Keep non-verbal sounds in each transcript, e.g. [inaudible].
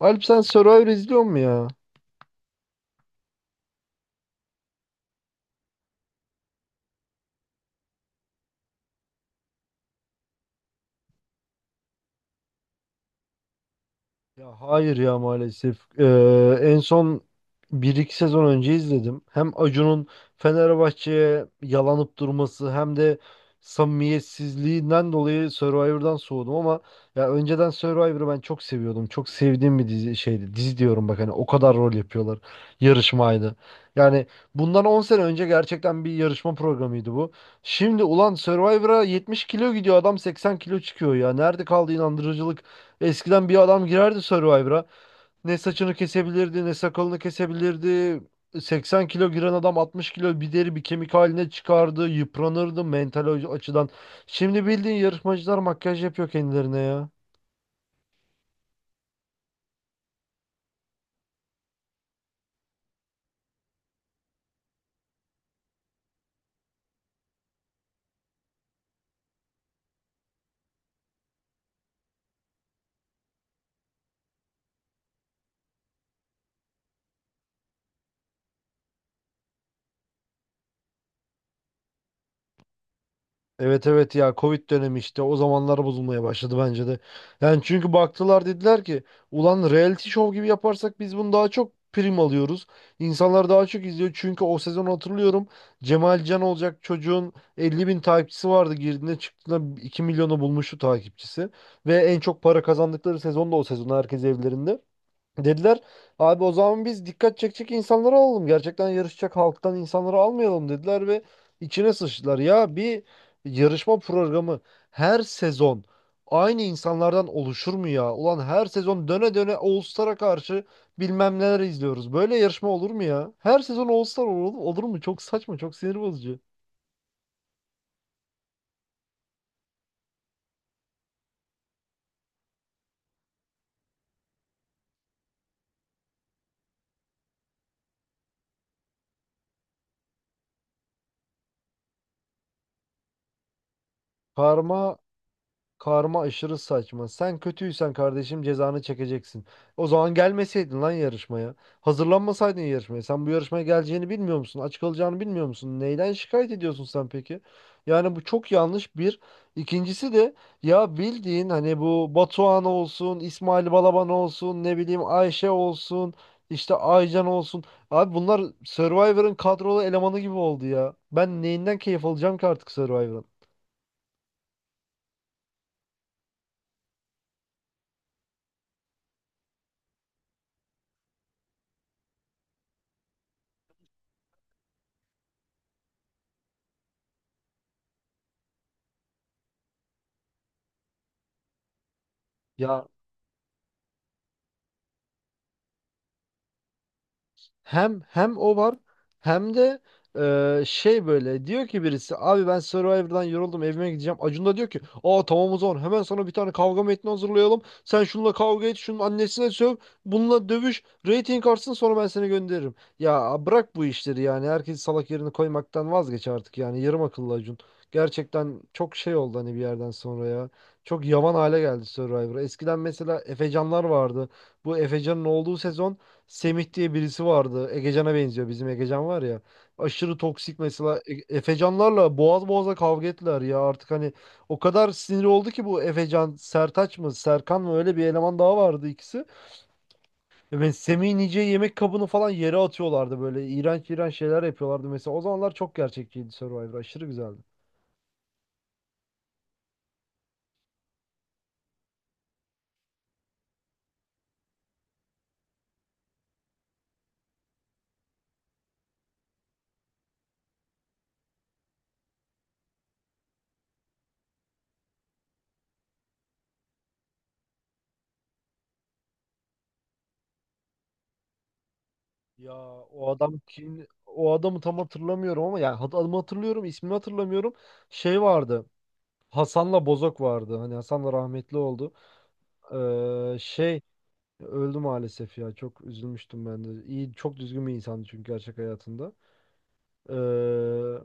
Alp sen Survivor izliyor mu ya? Ya hayır ya maalesef. En son bir iki sezon önce izledim. Hem Acun'un Fenerbahçe'ye yalanıp durması hem de samimiyetsizliğinden dolayı Survivor'dan soğudum ama ya önceden Survivor'ı ben çok seviyordum. Çok sevdiğim bir dizi şeydi. Dizi diyorum bak hani o kadar rol yapıyorlar. Yarışmaydı. Yani bundan 10 sene önce gerçekten bir yarışma programıydı bu. Şimdi ulan Survivor'a 70 kilo gidiyor adam 80 kilo çıkıyor ya. Nerede kaldı inandırıcılık? Eskiden bir adam girerdi Survivor'a. Ne saçını kesebilirdi, ne sakalını kesebilirdi. 80 kilo giren adam 60 kilo bir deri bir kemik haline çıkardı. Yıpranırdı mental açıdan. Şimdi bildiğin yarışmacılar makyaj yapıyor kendilerine ya. Evet, evet, ya Covid dönemi işte o zamanlar bozulmaya başladı bence de. Yani çünkü baktılar dediler ki ulan reality show gibi yaparsak biz bunu daha çok prim alıyoruz. İnsanlar daha çok izliyor çünkü o sezon hatırlıyorum Cemal Can olacak çocuğun 50 bin takipçisi vardı girdiğinde çıktığında 2 milyonu bulmuştu takipçisi. Ve en çok para kazandıkları sezon da o sezon herkes evlerinde. Dediler abi o zaman biz dikkat çekecek insanları alalım. Gerçekten yarışacak halktan insanları almayalım dediler ve içine sıçtılar. Ya bir yarışma programı her sezon aynı insanlardan oluşur mu ya? Ulan her sezon döne döne All Star'a karşı bilmem neler izliyoruz. Böyle yarışma olur mu ya? Her sezon All Star olur, olur mu? Çok saçma, çok sinir bozucu. Karma Karma aşırı saçma. Sen kötüysen kardeşim cezanı çekeceksin. O zaman gelmeseydin lan yarışmaya. Hazırlanmasaydın yarışmaya. Sen bu yarışmaya geleceğini bilmiyor musun? Aç kalacağını bilmiyor musun? Neyden şikayet ediyorsun sen peki? Yani bu çok yanlış bir. İkincisi de ya bildiğin hani bu Batuhan olsun, İsmail Balaban olsun, ne bileyim Ayşe olsun, işte Aycan olsun. Abi bunlar Survivor'ın kadrolu elemanı gibi oldu ya. Ben neyinden keyif alacağım ki artık Survivor'ın? Ya, hem o var hem de şey böyle diyor ki birisi abi ben Survivor'dan yoruldum evime gideceğim. Acun da diyor ki tamam o zaman hemen sana bir tane kavga metni hazırlayalım. Sen şununla kavga et şunun annesine söv bununla dövüş rating artsın sonra ben seni gönderirim. Ya bırak bu işleri yani herkes salak yerini koymaktan vazgeç artık yani yarım akıllı Acun. Gerçekten çok şey oldu hani bir yerden sonra ya. Çok yavan hale geldi Survivor. Eskiden mesela Efecanlar vardı. Bu Efecan'ın olduğu sezon Semih diye birisi vardı. Egecan'a benziyor. Bizim Egecan var ya. Aşırı toksik mesela. Efecanlarla boğaz boğaza kavga ettiler ya. Artık hani o kadar sinir oldu ki bu Efecan, Sertaç mı, Serkan mı öyle bir eleman daha vardı ikisi. Ben Semih'in yiyeceği yemek kabını falan yere atıyorlardı böyle. İğrenç iğrenç şeyler yapıyorlardı mesela. O zamanlar çok gerçekçiydi Survivor. Aşırı güzeldi. Ya o adam kim? O adamı tam hatırlamıyorum ama yani adımı hatırlıyorum, ismini hatırlamıyorum. Şey vardı. Hasan'la Bozok vardı. Hani Hasan da rahmetli oldu. Şey öldü maalesef ya. Çok üzülmüştüm ben de. İyi, çok düzgün bir insandı çünkü gerçek hayatında. Eee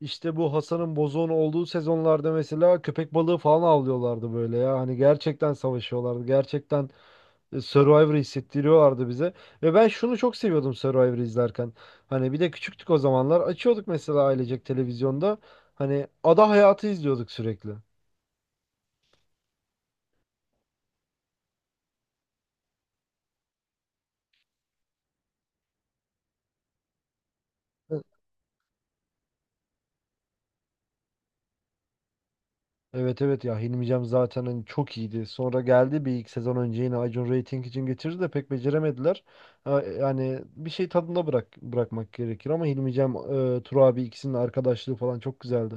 işte bu Hasan'ın bozuğun olduğu sezonlarda mesela köpek balığı falan avlıyorlardı böyle ya. Hani gerçekten savaşıyorlardı. Gerçekten Survivor hissettiriyorlardı bize. Ve ben şunu çok seviyordum Survivor izlerken. Hani bir de küçüktük o zamanlar. Açıyorduk mesela ailecek televizyonda. Hani ada hayatı izliyorduk sürekli. Evet, evet, ya Hilmi Cem zaten hani çok iyiydi. Sonra geldi bir iki sezon önce yine Acun Rating için getirdi de pek beceremediler. Ha, yani bir şey tadında bırakmak gerekir ama Hilmi Cem, Tur abi ikisinin arkadaşlığı falan çok güzeldi.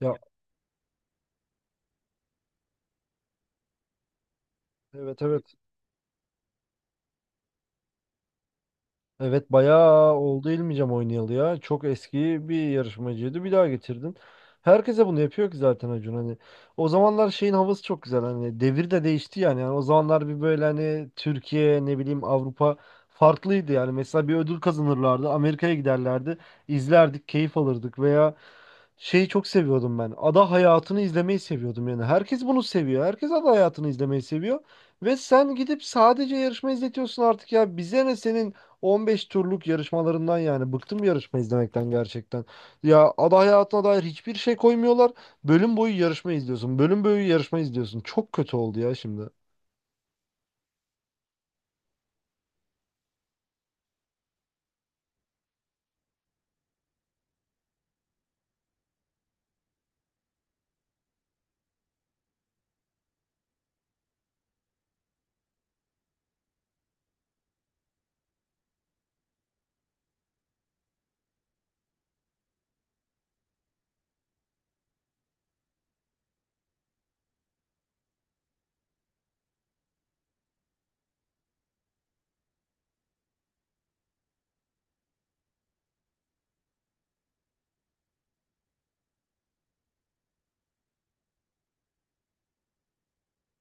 Ya, evet, evet. Evet bayağı oldu İlmicem oynayalı ya. Çok eski bir yarışmacıydı. Bir daha getirdin. Herkese bunu yapıyor ki zaten Acun hani. O zamanlar şeyin havası çok güzel hani. Devir de değişti yani. Yani o zamanlar bir böyle hani Türkiye ne bileyim Avrupa farklıydı yani. Mesela bir ödül kazanırlardı. Amerika'ya giderlerdi. İzlerdik, keyif alırdık veya şeyi çok seviyordum ben. Ada hayatını izlemeyi seviyordum yani. Herkes bunu seviyor. Herkes ada hayatını izlemeyi seviyor. Ve sen gidip sadece yarışma izletiyorsun artık ya. Bize ne senin 15 turluk yarışmalarından yani bıktım yarışma izlemekten gerçekten. Ya ada hayatına dair hiçbir şey koymuyorlar. Bölüm boyu yarışma izliyorsun. Bölüm boyu yarışma izliyorsun. Çok kötü oldu ya şimdi.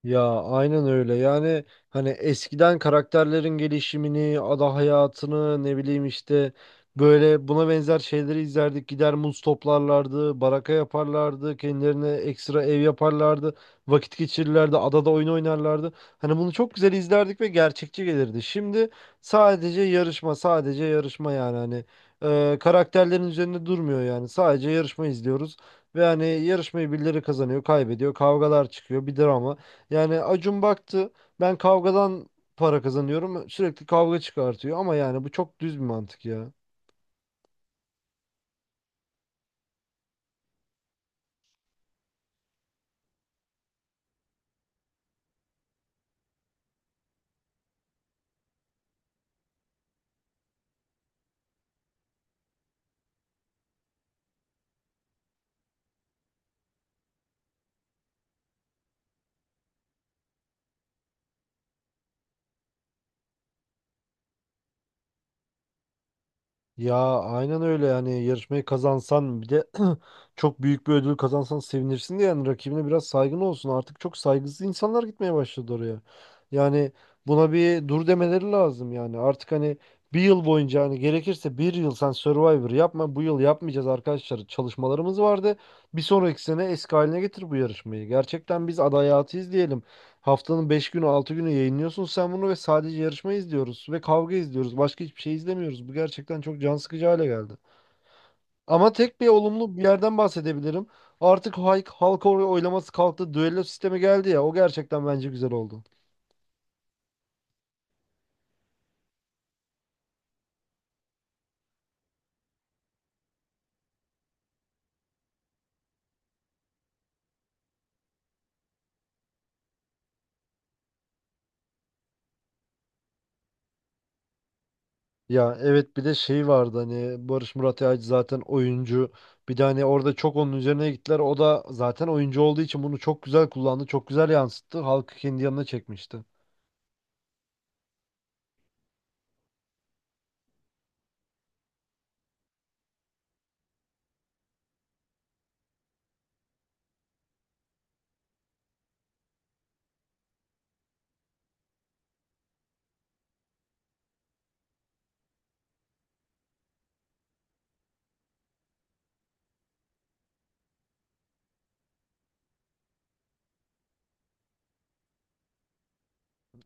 Ya aynen öyle. Yani hani eskiden karakterlerin gelişimini, ada hayatını, ne bileyim işte böyle buna benzer şeyleri izlerdik. Gider muz toplarlardı, baraka yaparlardı, kendilerine ekstra ev yaparlardı, vakit geçirirlerdi, adada oyun oynarlardı. Hani bunu çok güzel izlerdik ve gerçekçi gelirdi. Şimdi sadece yarışma, sadece yarışma yani hani karakterlerin üzerinde durmuyor yani. Sadece yarışma izliyoruz ve hani yarışmayı birileri kazanıyor, kaybediyor, kavgalar çıkıyor, bir drama. Yani Acun baktı ben kavgadan para kazanıyorum sürekli kavga çıkartıyor ama yani bu çok düz bir mantık ya. Ya aynen öyle yani yarışmayı kazansan bir de [clears throat] çok büyük bir ödül kazansan sevinirsin de yani rakibine biraz saygın olsun. Artık çok saygısız insanlar gitmeye başladı oraya. Yani buna bir dur demeleri lazım yani. Artık hani bir yıl boyunca hani gerekirse bir yıl sen Survivor yapma bu yıl yapmayacağız arkadaşlar. Çalışmalarımız vardı. Bir sonraki sene eski haline getir bu yarışmayı. Gerçekten biz aday hayatı izleyelim. Haftanın 5 günü 6 günü yayınlıyorsun sen bunu ve sadece yarışma izliyoruz ve kavga izliyoruz. Başka hiçbir şey izlemiyoruz. Bu gerçekten çok can sıkıcı hale geldi. Ama tek bir olumlu bir yerden bahsedebilirim. Artık halk oylaması kalktı. Düello sistemi geldi ya. O gerçekten bence güzel oldu. Ya evet bir de şey vardı hani Barış Murat Yağcı zaten oyuncu. Bir de hani orada çok onun üzerine gittiler. O da zaten oyuncu olduğu için bunu çok güzel kullandı. Çok güzel yansıttı. Halkı kendi yanına çekmişti.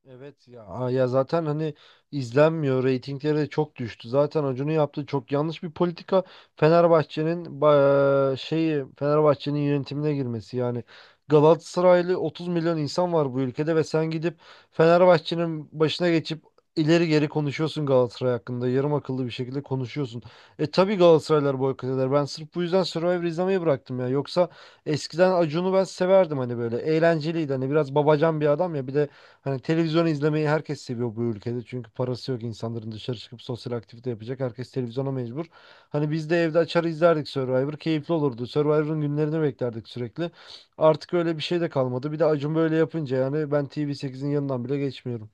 Evet ya. Ya zaten hani izlenmiyor. Reytingleri de çok düştü. Zaten Acun'un yaptığı çok yanlış bir politika. Fenerbahçe'nin ba- şeyi Fenerbahçe'nin yönetimine girmesi yani. Galatasaraylı 30 milyon insan var bu ülkede ve sen gidip Fenerbahçe'nin başına geçip ileri geri konuşuyorsun Galatasaray hakkında. Yarım akıllı bir şekilde konuşuyorsun. Tabii Galatasaraylar boykot eder. Ben sırf bu yüzden Survivor izlemeyi bıraktım ya. Yoksa eskiden Acun'u ben severdim hani böyle. Eğlenceliydi. Hani biraz babacan bir adam ya. Bir de hani televizyon izlemeyi herkes seviyor bu ülkede. Çünkü parası yok insanların dışarı çıkıp sosyal aktivite yapacak. Herkes televizyona mecbur. Hani biz de evde açar izlerdik Survivor. Keyifli olurdu. Survivor'ın günlerini beklerdik sürekli. Artık öyle bir şey de kalmadı. Bir de Acun böyle yapınca yani ben TV8'in yanından bile geçmiyorum.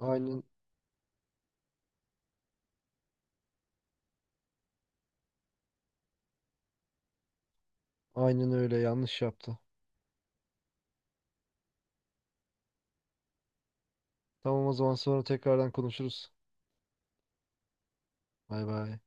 Aynen, aynen öyle yanlış yaptı. Tamam o zaman sonra tekrardan konuşuruz. Bay bay.